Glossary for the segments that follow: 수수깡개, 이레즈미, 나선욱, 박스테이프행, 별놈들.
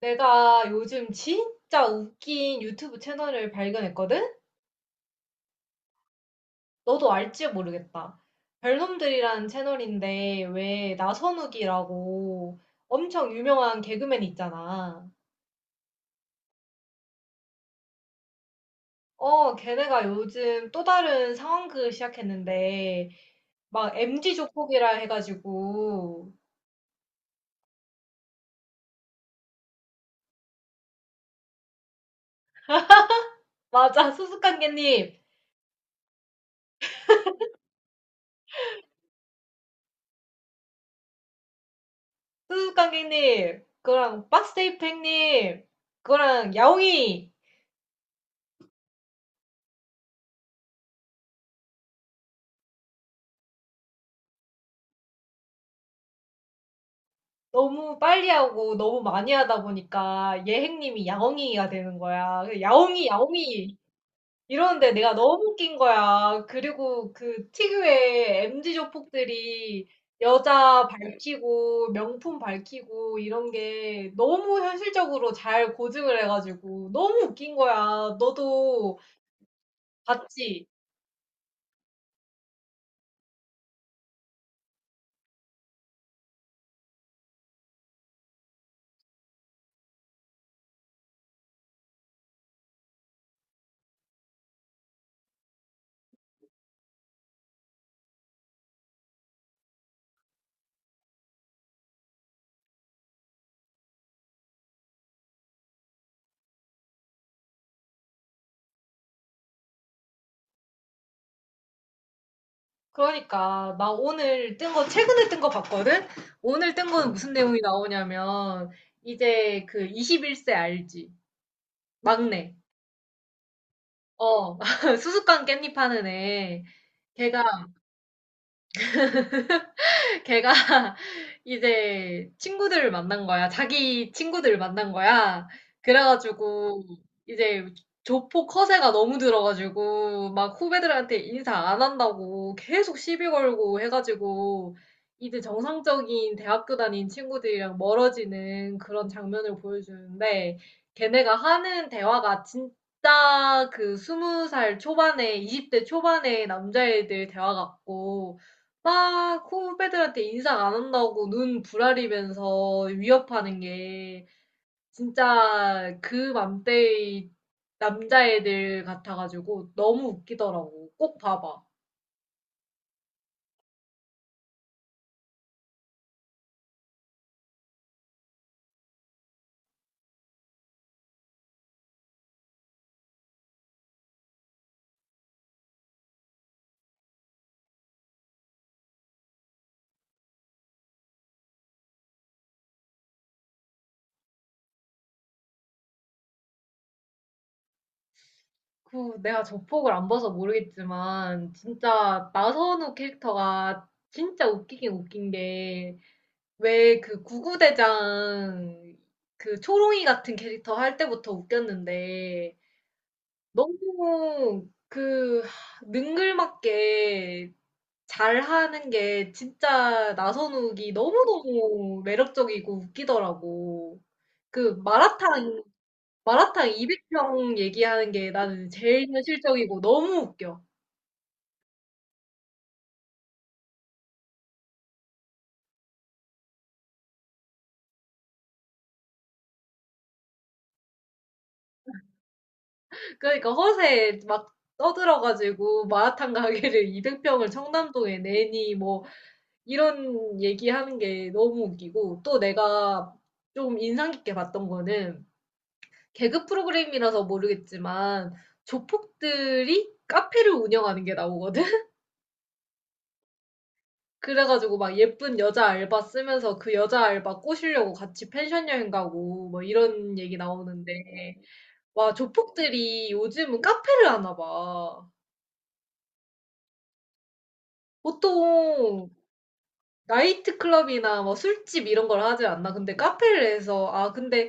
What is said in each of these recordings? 내가 요즘 진짜 웃긴 유튜브 채널을 발견했거든? 너도 알지 모르겠다. 별놈들이라는 채널인데 왜 나선욱이라고 엄청 유명한 개그맨 있잖아. 어, 걔네가 요즘 또 다른 상황극을 시작했는데 막 MG 조폭이라 해가지고. 맞아. 수수깡개님, 수수깡개님, 그거랑 박스테이프행님, 그거랑 야옹이. 너무 빨리 하고 너무 많이 하다 보니까 예행님이 야옹이가 되는 거야. 그래서 야옹이, 야옹이 이러는데 내가 너무 웃긴 거야. 그리고 그 특유의 MZ 조폭들이 여자 밝히고 명품 밝히고 이런 게 너무 현실적으로 잘 고증을 해가지고 너무 웃긴 거야. 너도 봤지? 그러니까 나 오늘 뜬 거 최근에 뜬 거 봤거든? 오늘 뜬 거는 무슨 내용이 나오냐면 이제 그 21세 알지? 막내. 어. 수수깡 깻잎 하는 애. 걔가 걔가 이제 친구들을 만난 거야. 자기 친구들을 만난 거야. 그래가지고 이제 조폭 허세가 너무 들어가지고 막 후배들한테 인사 안 한다고 계속 시비 걸고 해가지고 이제 정상적인 대학교 다닌 친구들이랑 멀어지는 그런 장면을 보여주는데, 걔네가 하는 대화가 진짜 그 20살 초반에 20대 초반의 남자애들 대화 같고 막 후배들한테 인사 안 한다고 눈 부라리면서 위협하는 게 진짜 그 맘때의 남자애들 같아가지고 너무 웃기더라고. 꼭 봐봐. 그 내가 저폭을 안 봐서 모르겠지만 진짜 나선우 캐릭터가 진짜 웃기긴 웃긴 게, 왜 그 구구대장, 그 초롱이 같은 캐릭터 할 때부터 웃겼는데 너무 그 능글맞게 잘하는 게, 진짜 나선욱이 너무너무 매력적이고 웃기더라고. 그 마라탕 200평 얘기하는 게 나는 제일 현실적이고 너무 웃겨. 그러니까 허세 막 떠들어가지고 마라탕 가게를 200평을 청담동에 내니 뭐 이런 얘기하는 게 너무 웃기고, 또 내가 좀 인상 깊게 봤던 거는, 개그 프로그램이라서 모르겠지만 조폭들이 카페를 운영하는 게 나오거든? 그래가지고 막 예쁜 여자 알바 쓰면서 그 여자 알바 꼬시려고 같이 펜션 여행 가고 뭐 이런 얘기 나오는데, 와, 조폭들이 요즘은 카페를 하나 봐. 보통 나이트클럽이나 뭐 술집 이런 걸 하지 않나? 근데 카페를 해서, 아, 근데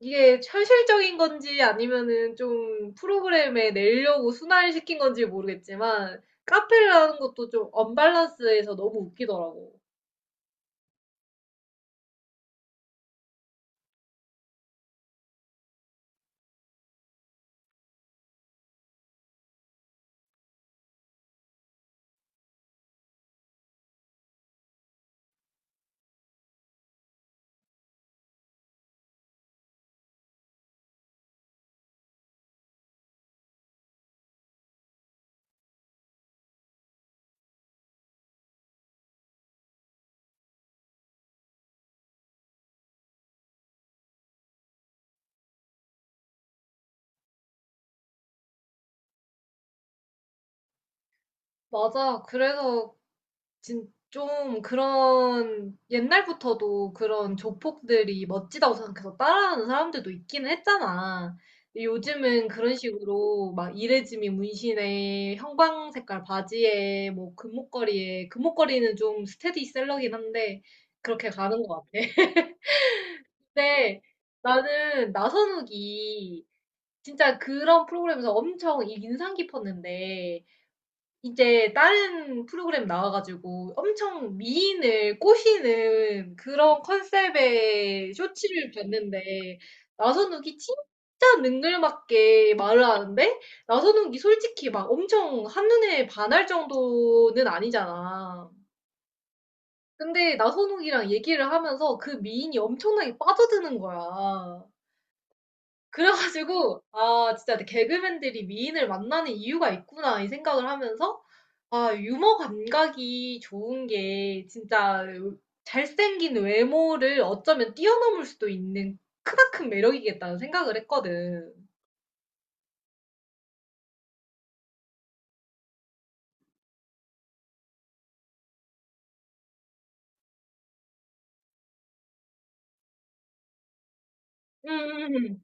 이게 현실적인 건지 아니면은 좀 프로그램에 내려고 순환시킨 건지 모르겠지만, 카페를 하는 것도 좀 언밸런스해서 너무 웃기더라고. 맞아. 그래서 진 좀, 그런 옛날부터도 그런 조폭들이 멋지다고 생각해서 따라하는 사람들도 있기는 했잖아. 근데 요즘은 그런 식으로 막 이레즈미 문신에 형광 색깔 바지에 뭐 금목걸이에, 금목걸이는 좀 스테디셀러긴 한데, 그렇게 가는 것 같아. 근데 나는 나선욱이 진짜 그런 프로그램에서 엄청 인상 깊었는데, 이제 다른 프로그램 나와 가지고 엄청 미인을 꼬시는 그런 컨셉의 쇼츠를 봤는데, 나선욱이 진짜 능글맞게 말을 하는데, 나선욱이 솔직히 막 엄청 한눈에 반할 정도는 아니잖아. 근데 나선욱이랑 얘기를 하면서 그 미인이 엄청나게 빠져드는 거야. 그래가지고, 아, 진짜 개그맨들이 미인을 만나는 이유가 있구나 이 생각을 하면서, 아, 유머 감각이 좋은 게 진짜 잘생긴 외모를 어쩌면 뛰어넘을 수도 있는 크나큰 매력이겠다는 생각을 했거든. 음음음.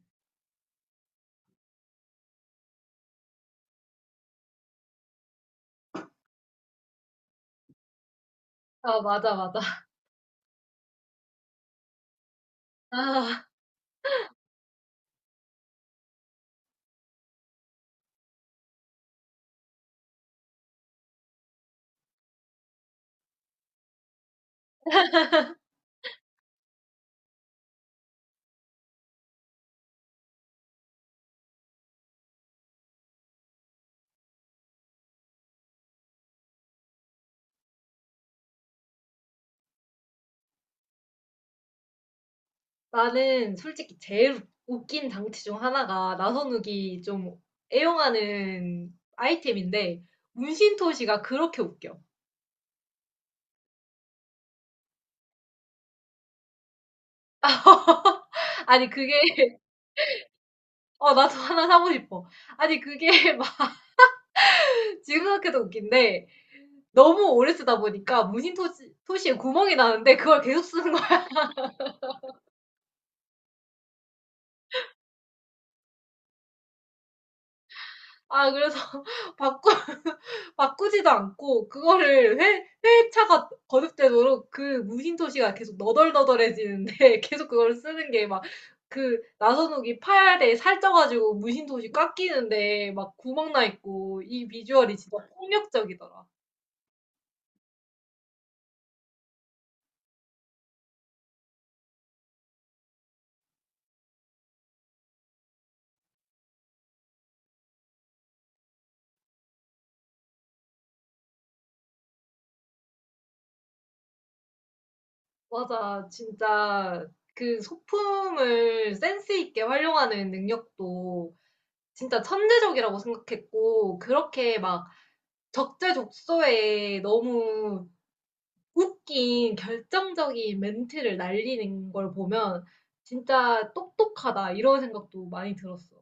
아, 맞아, 맞아. 아, 나는 솔직히 제일 웃긴 장치 중 하나가 나선욱이 좀 애용하는 아이템인데, 문신토시가 그렇게 웃겨. 아니 그게 어, 나도 하나 사고 싶어. 아니 그게 막 지금 생각해도 웃긴데, 너무 오래 쓰다 보니까 문신 토시에 구멍이 나는데 그걸 계속 쓰는 거야. 아, 그래서 바꾸, 바꾸지도 않고 그거를 회차가 거듭되도록 그 문신 토시가 계속 너덜너덜해지는데 계속 그걸 쓰는 게 막, 그 나선욱이 팔에 살쪄가지고 문신 토시 꽉 끼는데 막 구멍 나 있고, 이 비주얼이 진짜 폭력적이더라. 맞아. 진짜 그 소품을 센스 있게 활용하는 능력도 진짜 천재적이라고 생각했고, 그렇게 막 적재적소에 너무 웃긴 결정적인 멘트를 날리는 걸 보면 진짜 똑똑하다 이런 생각도 많이 들었어.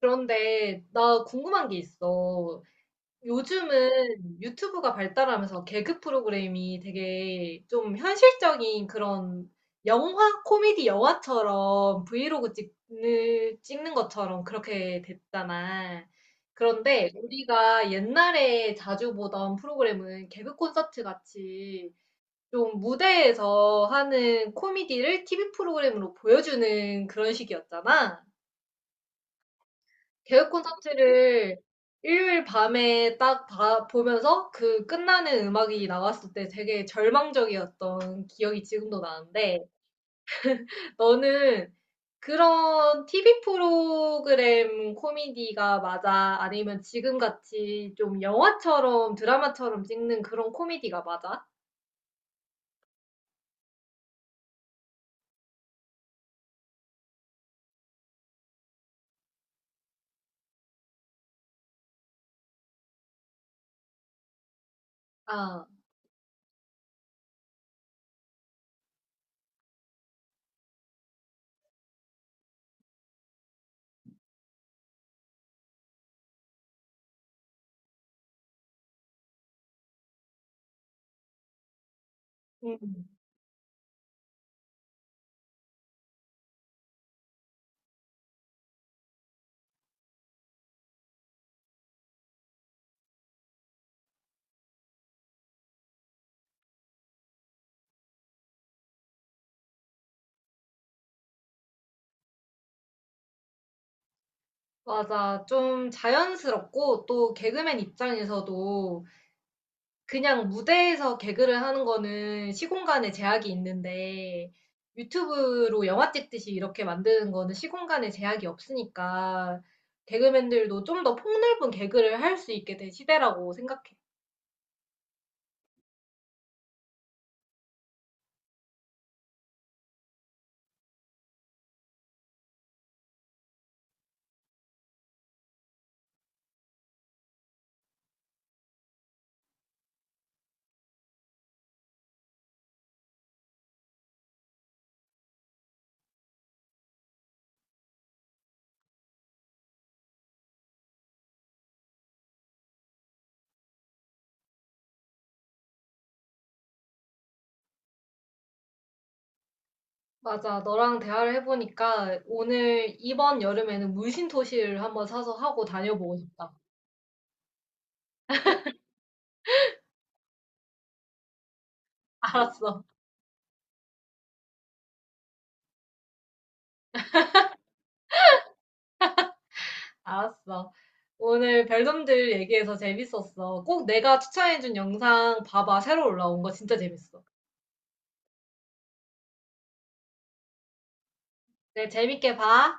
그런데 나 궁금한 게 있어. 요즘은 유튜브가 발달하면서 개그 프로그램이 되게 좀 현실적인 그런 영화, 코미디 영화처럼 브이로그 찍는 것처럼 그렇게 됐잖아. 그런데 우리가 옛날에 자주 보던 프로그램은 개그 콘서트 같이 좀 무대에서 하는 코미디를 TV 프로그램으로 보여주는 그런 식이었잖아. 개그 콘서트를 일요일 밤에 딱 보면서 그 끝나는 음악이 나왔을 때 되게 절망적이었던 기억이 지금도 나는데, 너는 그런 TV 프로그램 코미디가 맞아? 아니면 지금같이 좀 영화처럼 드라마처럼 찍는 그런 코미디가 맞아? 아, 음, 맞아. 좀 자연스럽고 또 개그맨 입장에서도 그냥 무대에서 개그를 하는 거는 시공간의 제약이 있는데, 유튜브로 영화 찍듯이 이렇게 만드는 거는 시공간의 제약이 없으니까, 개그맨들도 좀 더 폭넓은 개그를 할 수 있게 된 시대라고 생각해. 맞아. 너랑 대화를 해보니까 오늘, 이번 여름에는 물심토시를 한번 사서 하고 다녀보고 싶다. 알았어. 알았어. 오늘 별놈들 얘기해서 재밌었어. 꼭 내가 추천해준 영상 봐봐. 새로 올라온 거 진짜 재밌어. 그래, 재밌게 봐.